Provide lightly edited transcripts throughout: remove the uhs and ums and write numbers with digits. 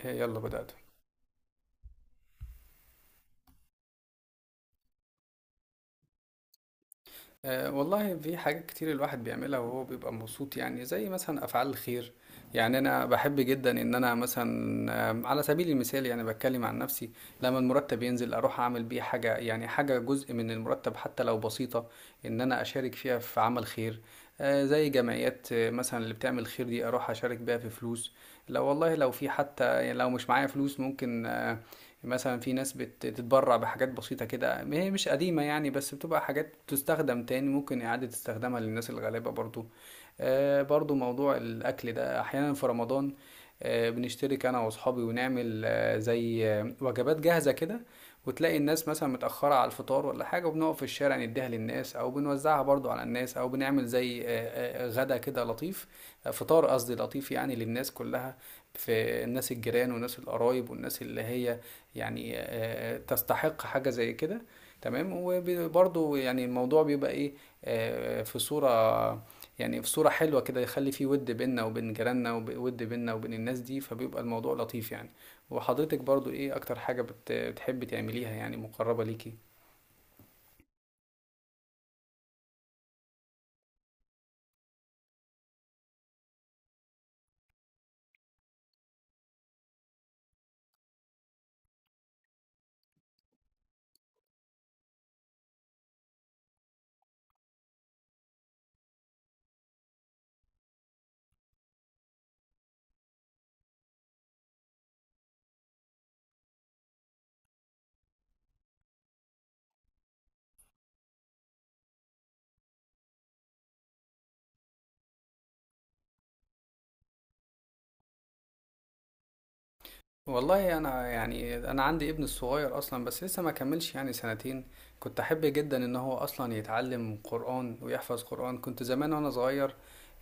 إيه، يلا بدأت. أه والله، في حاجات كتير الواحد بيعملها وهو بيبقى مبسوط، يعني زي مثلا أفعال الخير. يعني أنا بحب جدا إن أنا مثلا على سبيل المثال، يعني بتكلم عن نفسي. لما المرتب ينزل أروح أعمل بيه حاجة، يعني حاجة جزء من المرتب حتى لو بسيطة، إن أنا أشارك فيها في عمل خير. أه زي جمعيات مثلا اللي بتعمل خير دي، أروح أشارك بيها في فلوس. لو والله لو في حتى، يعني لو مش معايا فلوس ممكن، مثلا في ناس بتتبرع بحاجات بسيطة كده، هي مش قديمة يعني بس بتبقى حاجات تستخدم تاني، ممكن إعادة استخدامها للناس الغلابة برضو. برضو موضوع الأكل ده أحيانا في رمضان، بنشترك أنا وأصحابي ونعمل زي وجبات جاهزة كده، وتلاقي الناس مثلا متأخرة على الفطار ولا حاجة، وبنقف في الشارع نديها للناس أو بنوزعها برضو على الناس، أو بنعمل زي غدا كده لطيف، فطار قصدي، لطيف يعني للناس كلها، في الناس الجيران والناس القرايب والناس اللي هي يعني تستحق حاجة زي كده. تمام، وبرضه يعني الموضوع بيبقى ايه، في صورة، يعني في صورة حلوة كده، يخلي فيه ود بيننا وبين جيراننا، وود بيننا وبين الناس دي، فبيبقى الموضوع لطيف يعني. وحضرتك برضو، ايه اكتر حاجة بتحبي تعمليها يعني، مقربة ليكي؟ والله، انا يعني انا عندي ابن الصغير اصلا، بس لسه ما كملش يعني سنتين. كنت احب جدا ان هو اصلا يتعلم قرآن ويحفظ قرآن. كنت زمان وانا صغير،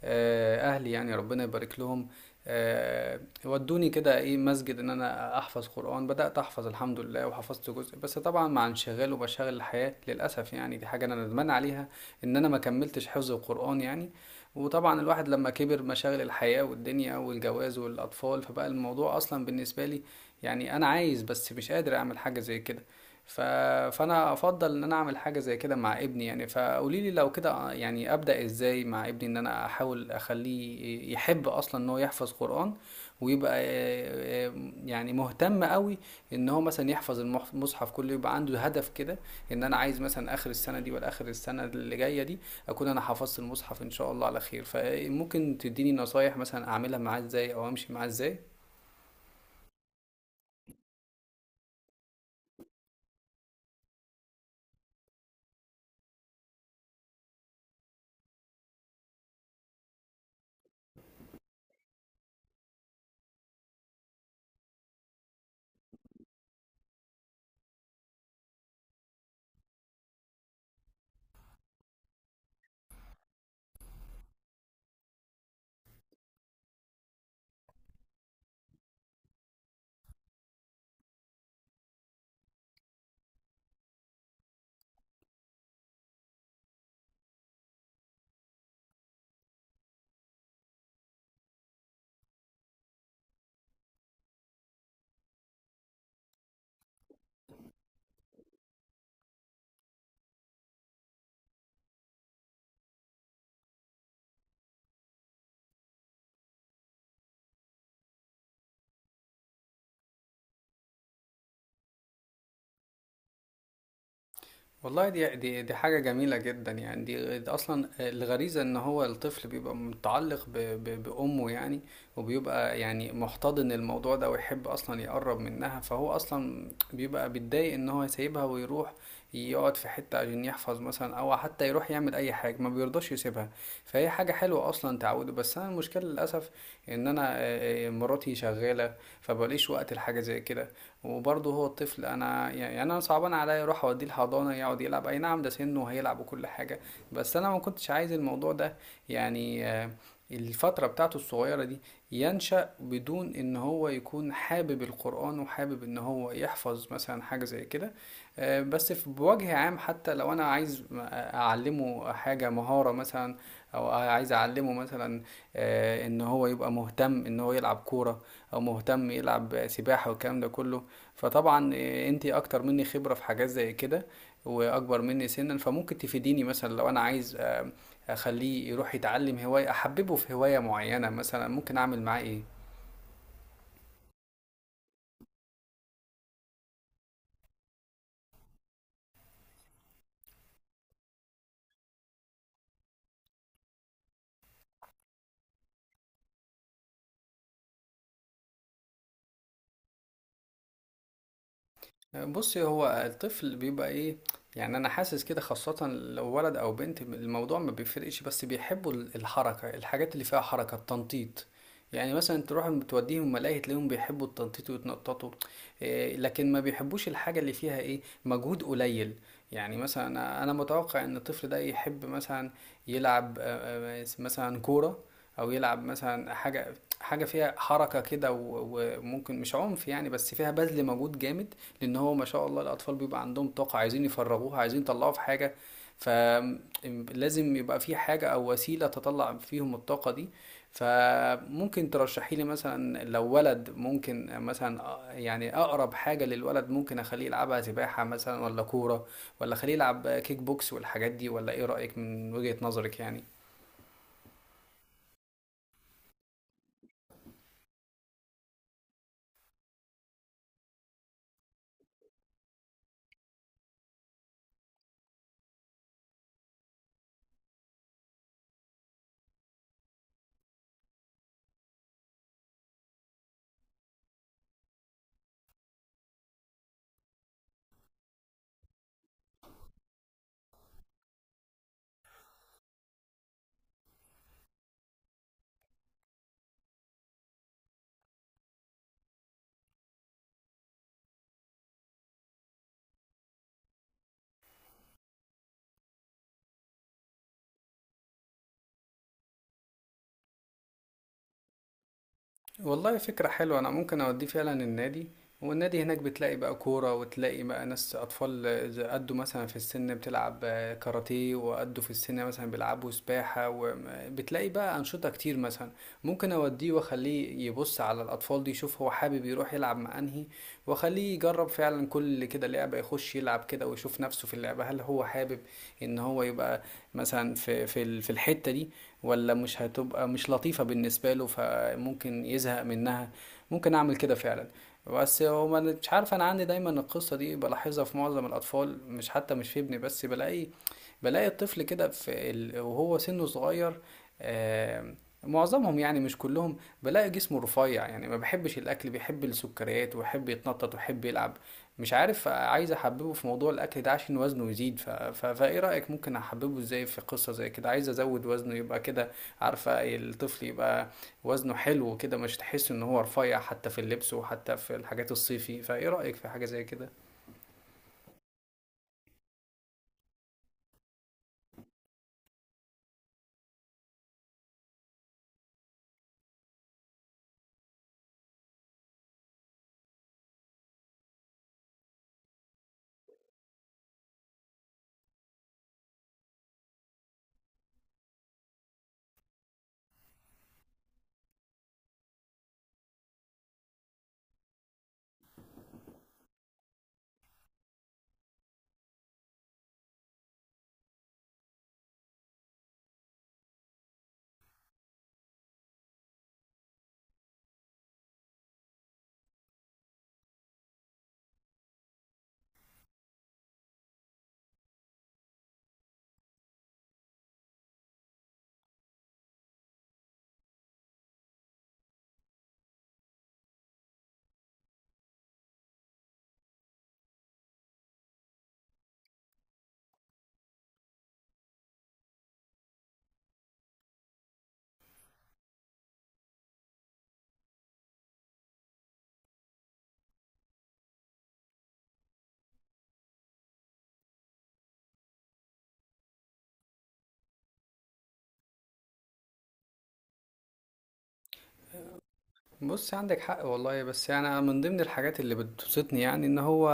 اهلي يعني ربنا يبارك لهم، آه، ودوني كده ايه مسجد ان انا احفظ قرآن. بدأت احفظ الحمد لله وحفظت جزء، بس طبعا مع انشغال ومشاغل الحياة للاسف، يعني دي حاجة انا ندمان عليها، ان انا ما كملتش حفظ القرآن يعني. وطبعا الواحد لما كبر، مشاغل الحياة والدنيا والجواز والأطفال، فبقى الموضوع أصلا بالنسبة لي، يعني أنا عايز بس مش قادر أعمل حاجة زي كده. ف... فأنا أفضل إن أنا أعمل حاجة زي كده مع ابني، يعني فقولي لي لو كده، يعني أبدأ إزاي مع ابني، إن أنا أحاول أخليه يحب أصلا إن هو يحفظ قرآن، ويبقى يعني مهتم قوي، ان هو مثلا يحفظ المصحف كله، يبقى عنده هدف كده، ان انا عايز مثلا اخر السنه دي ولا اخر السنه اللي جايه دي، اكون انا حفظت المصحف ان شاء الله على خير. فممكن تديني نصايح مثلا اعملها معاه ازاي، او امشي معاه ازاي؟ والله، دي حاجة جميلة جدا يعني، دي أصلا الغريزة، إن هو الطفل بيبقى متعلق ب ب بأمه يعني، وبيبقى يعني محتضن الموضوع ده، ويحب أصلا يقرب منها، فهو أصلا بيبقى بيتضايق إن هو يسيبها ويروح يقعد في حتة عشان يحفظ مثلا، أو حتى يروح يعمل أي حاجة، ما بيرضاش يسيبها. فهي حاجة حلوة أصلا تعوده، بس أنا المشكلة للأسف، إن أنا مراتي شغالة، فبقاليش وقت لحاجة زي كده. وبرضه هو الطفل، انا يعني انا صعبان عليا اروح اوديه الحضانه يقعد يلعب، اي نعم ده سنه وهيلعب وكل حاجه، بس انا ما كنتش عايز الموضوع ده يعني، الفتره بتاعته الصغيره دي، ينشأ بدون ان هو يكون حابب القرآن، وحابب ان هو يحفظ مثلا حاجه زي كده. بس في بوجه عام، حتى لو انا عايز اعلمه حاجه، مهاره مثلا، او عايز اعلمه مثلا ان هو يبقى مهتم ان هو يلعب كوره، او مهتم يلعب سباحه والكلام ده كله. فطبعا إيه، انتي اكتر مني خبرة في حاجات زي كده، واكبر مني سنا، فممكن تفيديني مثلا، لو انا عايز اخليه يروح يتعلم هواية، احببه في هواية معينة مثلا، ممكن اعمل معاه ايه؟ بُصّي، هو الطفل بيبقى إيه، يعني أنا حاسس كده، خاصةً لو ولد أو بنت م الموضوع ما بيفرقش، بس بيحبّوا الحركة، الحاجات اللي فيها حركة، التنطيط. يعني مثلًا تروح م تودّيهم ملاهي تلاقيهم بيحبّوا التنطيط ويتنططوا، لكن ما بيحبّوش الحاجة اللي فيها إيه، مجهود قليل. يعني مثلًا أنا متوقع إن الطفل ده يحب مثلًا يلعب س مثلًا كورة، أو يلعب مثلًا حاجة فيها حركة كده، و وممكن مش عنف يعني، بس فيها بَذْل مجهود جامد، لان هو ما شاء الله الاطفال بيبقى عندهم طاقه، عايزين يفرغوها، عايزين يطلعوها في حاجه، فلازم يبقى في حاجه او وسيله تطلع فيهم الطاقه دي. فممكن ترشحي لي مثلا، لو ولد ممكن مثلا يعني اقرب حاجه للولد ممكن اخليه يلعبها، سباحه مثلا ولا كوره، ولا اخليه يلعب كيك بوكس والحاجات دي، ولا ايه رايك من وجهه نظرك يعني؟ والله فكرة حلوة، أنا ممكن أوديه فعلا النادي. والنادي هناك بتلاقي بقى كورة، وتلاقي بقى ناس أطفال إذا قدوا مثلا في السن بتلعب كاراتيه، وقدوا في السن مثلا بيلعبوا سباحة، وبتلاقي بقى أنشطة كتير مثلا. ممكن أوديه وأخليه يبص على الأطفال دي، يشوف هو حابب يروح يلعب مع أنهي، وأخليه يجرب فعلا كل كده لعبة، يخش يلعب كده ويشوف نفسه في اللعبة، هل هو حابب إن هو يبقى مثلا في الحتة دي، ولا مش هتبقى، مش لطيفة بالنسبة له، ف ممكن يزهق منها. ممكن اعمل كده فعلا. بس هو ما أنا- مش عارف، انا عندي دايما القصه دي بلاحظها في معظم الاطفال، مش حتى مش في ابني بس، بلاقي الطفل كده في وهو سنه صغير، آم، معظمهم يعني مش كلهم، بلاقي جسمه رفيع، يعني ما بحبش الاكل، بيحب السكريات ويحب يتنطط ويحب يلعب. مش عارف، عايز احببه في موضوع الاكل ده عشان وزنه يزيد، فايه رايك، ممكن احببه ازاي في قصه زي كده؟ عايز ازود وزنه يبقى كده، عارفه الطفل يبقى وزنه حلو كده، مش تحس ان هو رفيع، حتى في اللبس وحتى في الحاجات الصيفي. فايه رأيك في حاجة زي كده؟ بص، عندك حق والله، بس يعني انا من ضمن الحاجات اللي بتبسطني، يعني ان هو،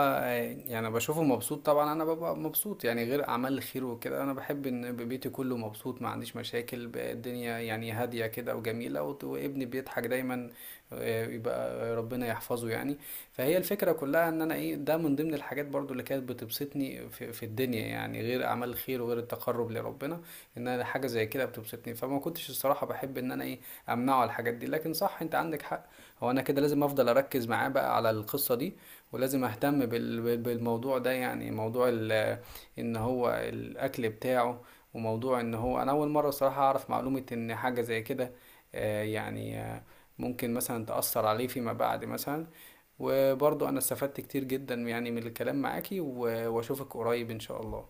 يعني أنا بشوفه مبسوط، طبعا انا ببقى مبسوط، يعني غير اعمال الخير وكده، انا بحب ان بيتي كله مبسوط، ما عنديش مشاكل، الدنيا يعني هادية كده وجميلة، وابني بيضحك دايما، يبقى ربنا يحفظه يعني. فهي الفكرة كلها ان انا ايه ده، من ضمن الحاجات برضو اللي كانت بتبسطني في الدنيا، يعني غير اعمال الخير وغير التقرب لربنا، ان انا حاجة زي كده بتبسطني. فما كنتش الصراحة بحب ان انا ايه، امنعه على الحاجات دي، لكن صح انت عندك حق. هو انا كده لازم افضل اركز معاه بقى على القصة دي، ولازم اهتم بالموضوع ده، يعني موضوع ان هو الاكل بتاعه، وموضوع ان هو، انا اول مرة صراحة اعرف معلومة ان حاجة زي كده يعني ممكن مثلا تأثر عليه فيما بعد مثلا. وبرضو انا استفدت كتير جدا يعني من الكلام معاكي، واشوفك قريب ان شاء الله.